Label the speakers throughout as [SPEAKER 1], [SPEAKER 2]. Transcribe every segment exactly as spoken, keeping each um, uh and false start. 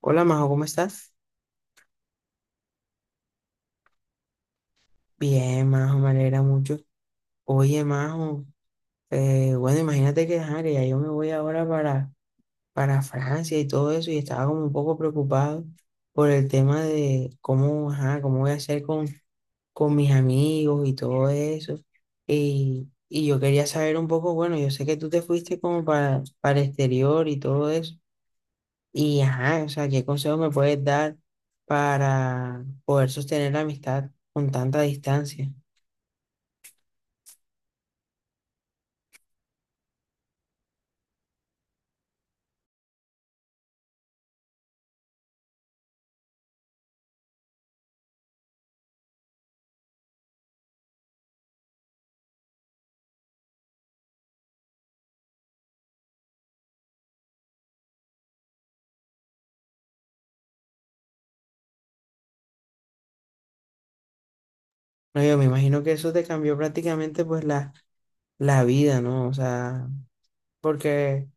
[SPEAKER 1] Hola Majo, ¿cómo estás? Bien, Majo, me alegra mucho. Oye, Majo, eh, bueno, imagínate que, ajá, que ya yo me voy ahora para, para Francia y todo eso, y estaba como un poco preocupado por el tema de cómo, ajá, cómo voy a hacer con, con mis amigos y todo eso. Y, y yo quería saber un poco, bueno, yo sé que tú te fuiste como para, para el exterior y todo eso, y ajá, o sea, ¿qué consejos me puedes dar para poder sostener la amistad con tanta distancia? No, yo me imagino que eso te cambió prácticamente pues la, la vida, ¿no? O sea, porque,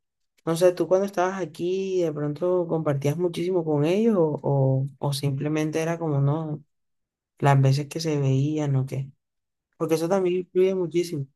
[SPEAKER 1] no sé, tú cuando estabas aquí de pronto compartías muchísimo con ellos o, o, o simplemente era como, no, las veces que se veían o qué. Porque eso también influye muchísimo.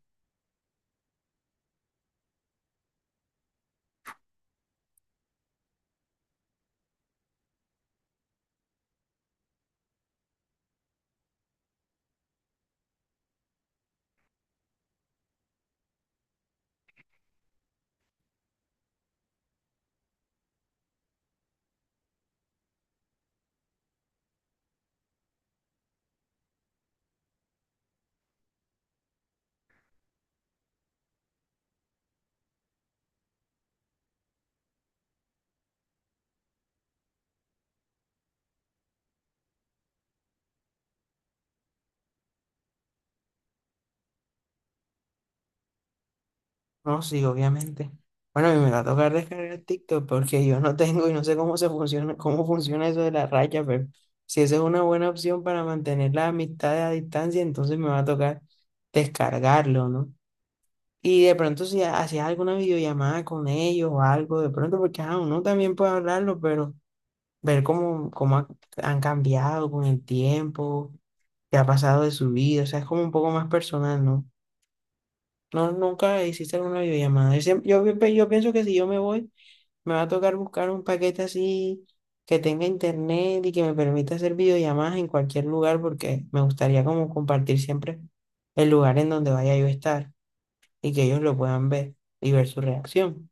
[SPEAKER 1] No, sí, obviamente. Bueno, a mí me va a tocar descargar TikTok porque yo no tengo y no sé cómo se funciona, cómo funciona eso de la raya, pero si esa es una buena opción para mantener la amistad a distancia, entonces me va a tocar descargarlo, ¿no? Y de pronto si hacías alguna videollamada con ellos o algo, de pronto, porque ah, uno también puede hablarlo, pero ver cómo, cómo ha- han cambiado con el tiempo, qué ha pasado de su vida, o sea, es como un poco más personal, ¿no? No, nunca hiciste alguna videollamada. Yo, siem- yo, pi- yo pienso que si yo me voy, me va a tocar buscar un paquete así que tenga internet y que me permita hacer videollamadas en cualquier lugar, porque me gustaría como compartir siempre el lugar en donde vaya yo a estar y que ellos lo puedan ver y ver su reacción.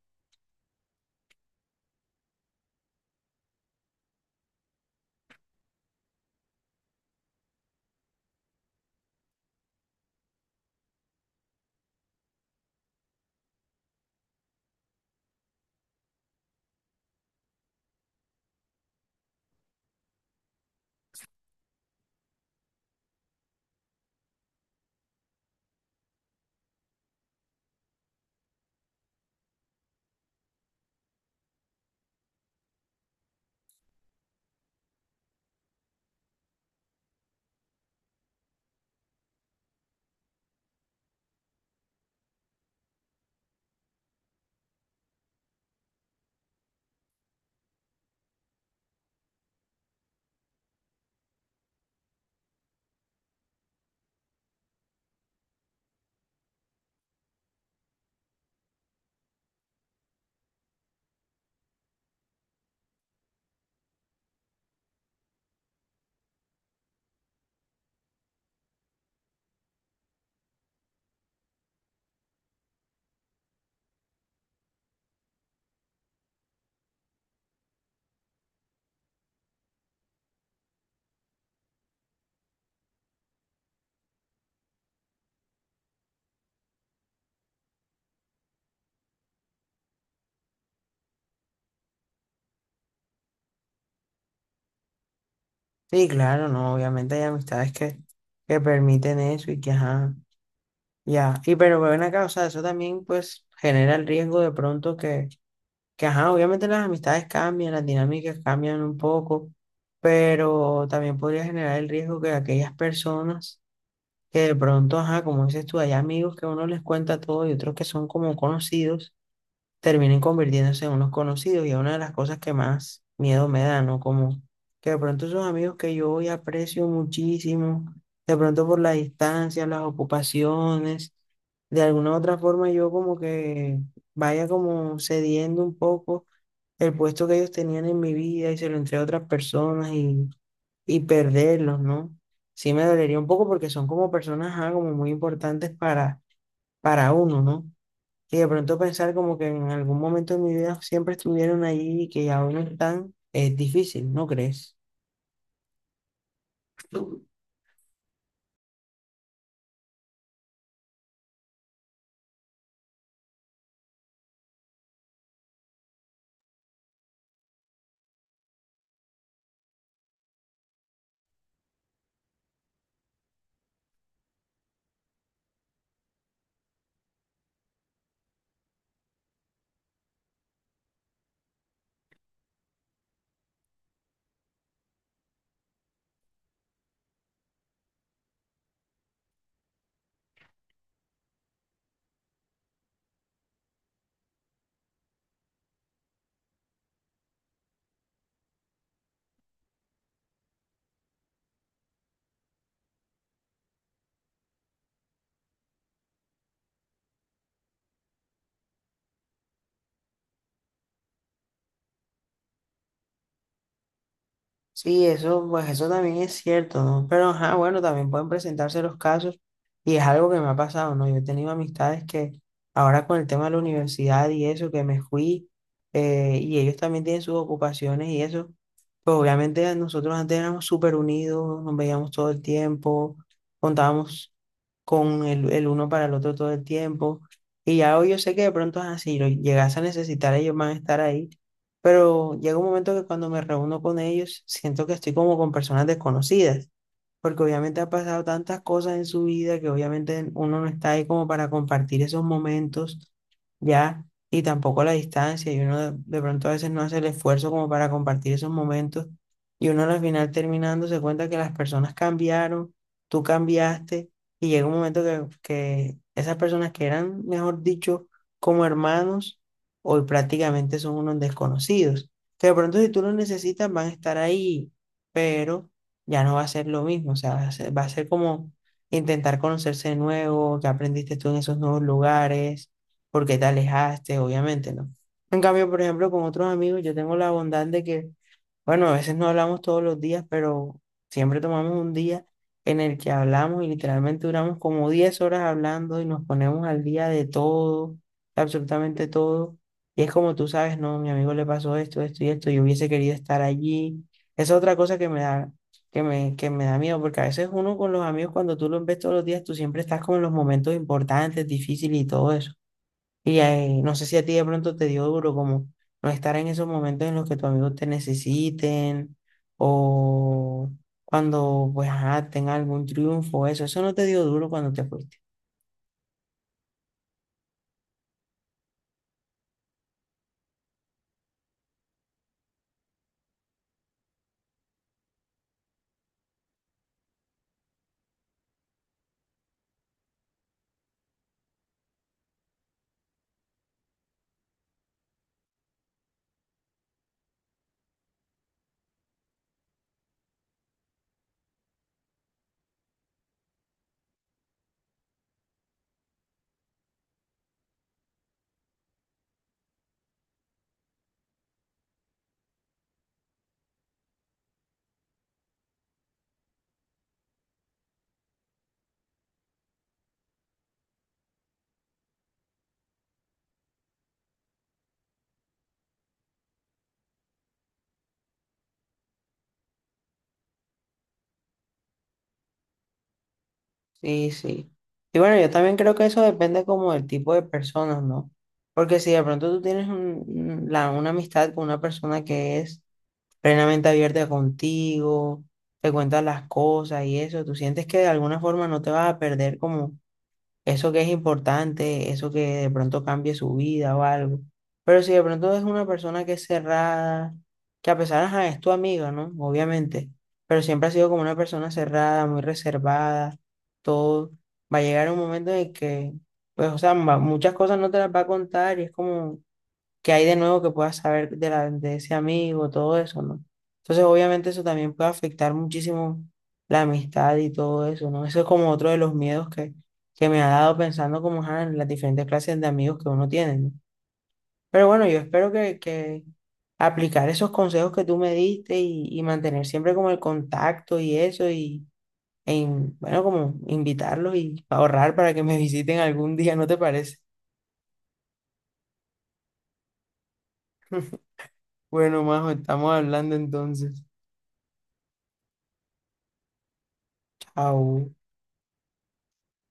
[SPEAKER 1] Sí, claro, no, obviamente hay amistades que, que permiten eso y que, ajá, ya. Y pero ven acá, o sea, eso también pues genera el riesgo de pronto que, que, ajá, obviamente las amistades cambian, las dinámicas cambian un poco, pero también podría generar el riesgo que aquellas personas que de pronto, ajá, como dices tú, hay amigos que uno les cuenta todo y otros que son como conocidos terminen convirtiéndose en unos conocidos y es una de las cosas que más miedo me da, ¿no? Como que de pronto esos amigos que yo hoy aprecio muchísimo, de pronto por la distancia, las ocupaciones, de alguna u otra forma yo como que vaya como cediendo un poco el puesto que ellos tenían en mi vida y se lo entregué a otras personas y, y perderlos, ¿no? Sí me dolería un poco porque son como personas, ah, como muy importantes para, para uno, ¿no? Y de pronto pensar como que en algún momento de mi vida siempre estuvieron ahí y que aún no están, es difícil, ¿no crees? Sí, eso, pues eso también es cierto, ¿no? Pero, ajá, bueno, también pueden presentarse los casos y es algo que me ha pasado, ¿no? Yo he tenido amistades que ahora con el tema de la universidad y eso, que me fui eh, y ellos también tienen sus ocupaciones y eso, pues obviamente nosotros antes éramos súper unidos, nos veíamos todo el tiempo, contábamos con el, el uno para el otro todo el tiempo. Y ya hoy yo sé que de pronto es así, lo llegas a necesitar, ellos van a estar ahí. Pero llega un momento que cuando me reúno con ellos, siento que estoy como con personas desconocidas porque obviamente ha pasado tantas cosas en su vida que obviamente uno no está ahí como para compartir esos momentos ya, y tampoco la distancia, y uno de, de pronto a veces no hace el esfuerzo como para compartir esos momentos, y uno al final terminando se cuenta que las personas cambiaron, tú cambiaste, y llega un momento que, que esas personas que eran, mejor dicho, como hermanos, hoy prácticamente son unos desconocidos, que de pronto si tú los necesitas van a estar ahí, pero ya no va a ser lo mismo, o sea, va a ser, va a ser como intentar conocerse de nuevo, qué aprendiste tú en esos nuevos lugares, por qué te alejaste, obviamente, ¿no? En cambio, por ejemplo, con otros amigos, yo tengo la bondad de que, bueno, a veces no hablamos todos los días, pero siempre tomamos un día en el que hablamos y literalmente duramos como diez horas hablando y nos ponemos al día de todo, absolutamente todo. Y es como tú sabes, no, mi amigo le pasó esto, esto y esto, yo hubiese querido estar allí. Esa es otra cosa que me da que me, que me da miedo, porque a veces uno con los amigos, cuando tú los ves todos los días, tú siempre estás como en los momentos importantes, difíciles y todo eso. Y eh, no sé si a ti de pronto te dio duro como no estar en esos momentos en los que tus amigos te necesiten o cuando pues ajá, tenga algún triunfo, eso, eso no te dio duro cuando te fuiste. Sí, sí. Y bueno, yo también creo que eso depende como del tipo de personas, ¿no? Porque si de pronto tú tienes un- un- la, una amistad con una persona que es plenamente abierta contigo, te cuentas las cosas y eso, tú sientes que de alguna forma no te vas a perder como eso que es importante, eso que de pronto cambie su vida o algo. Pero si de pronto es una persona que es cerrada, que a pesar, ajá, es tu amiga, ¿no? Obviamente, pero siempre ha sido como una persona cerrada, muy reservada, todo, va a llegar un momento en el que, pues, o sea, ma- muchas cosas no te las va a contar y es como qué hay de nuevo que puedas saber de, la, de ese amigo, todo eso, ¿no? Entonces, obviamente eso también puede afectar muchísimo la amistad y todo eso, ¿no? Eso es como otro de los miedos que, que me ha dado pensando como ajá, en las diferentes clases de amigos que uno tiene, ¿no? Pero bueno, yo espero que, que aplicar esos consejos que tú me diste y, y mantener siempre como el contacto y eso y, e in- bueno, como invitarlos y ahorrar para que me visiten algún día, ¿no te parece? Bueno, Majo, estamos hablando entonces. Chao.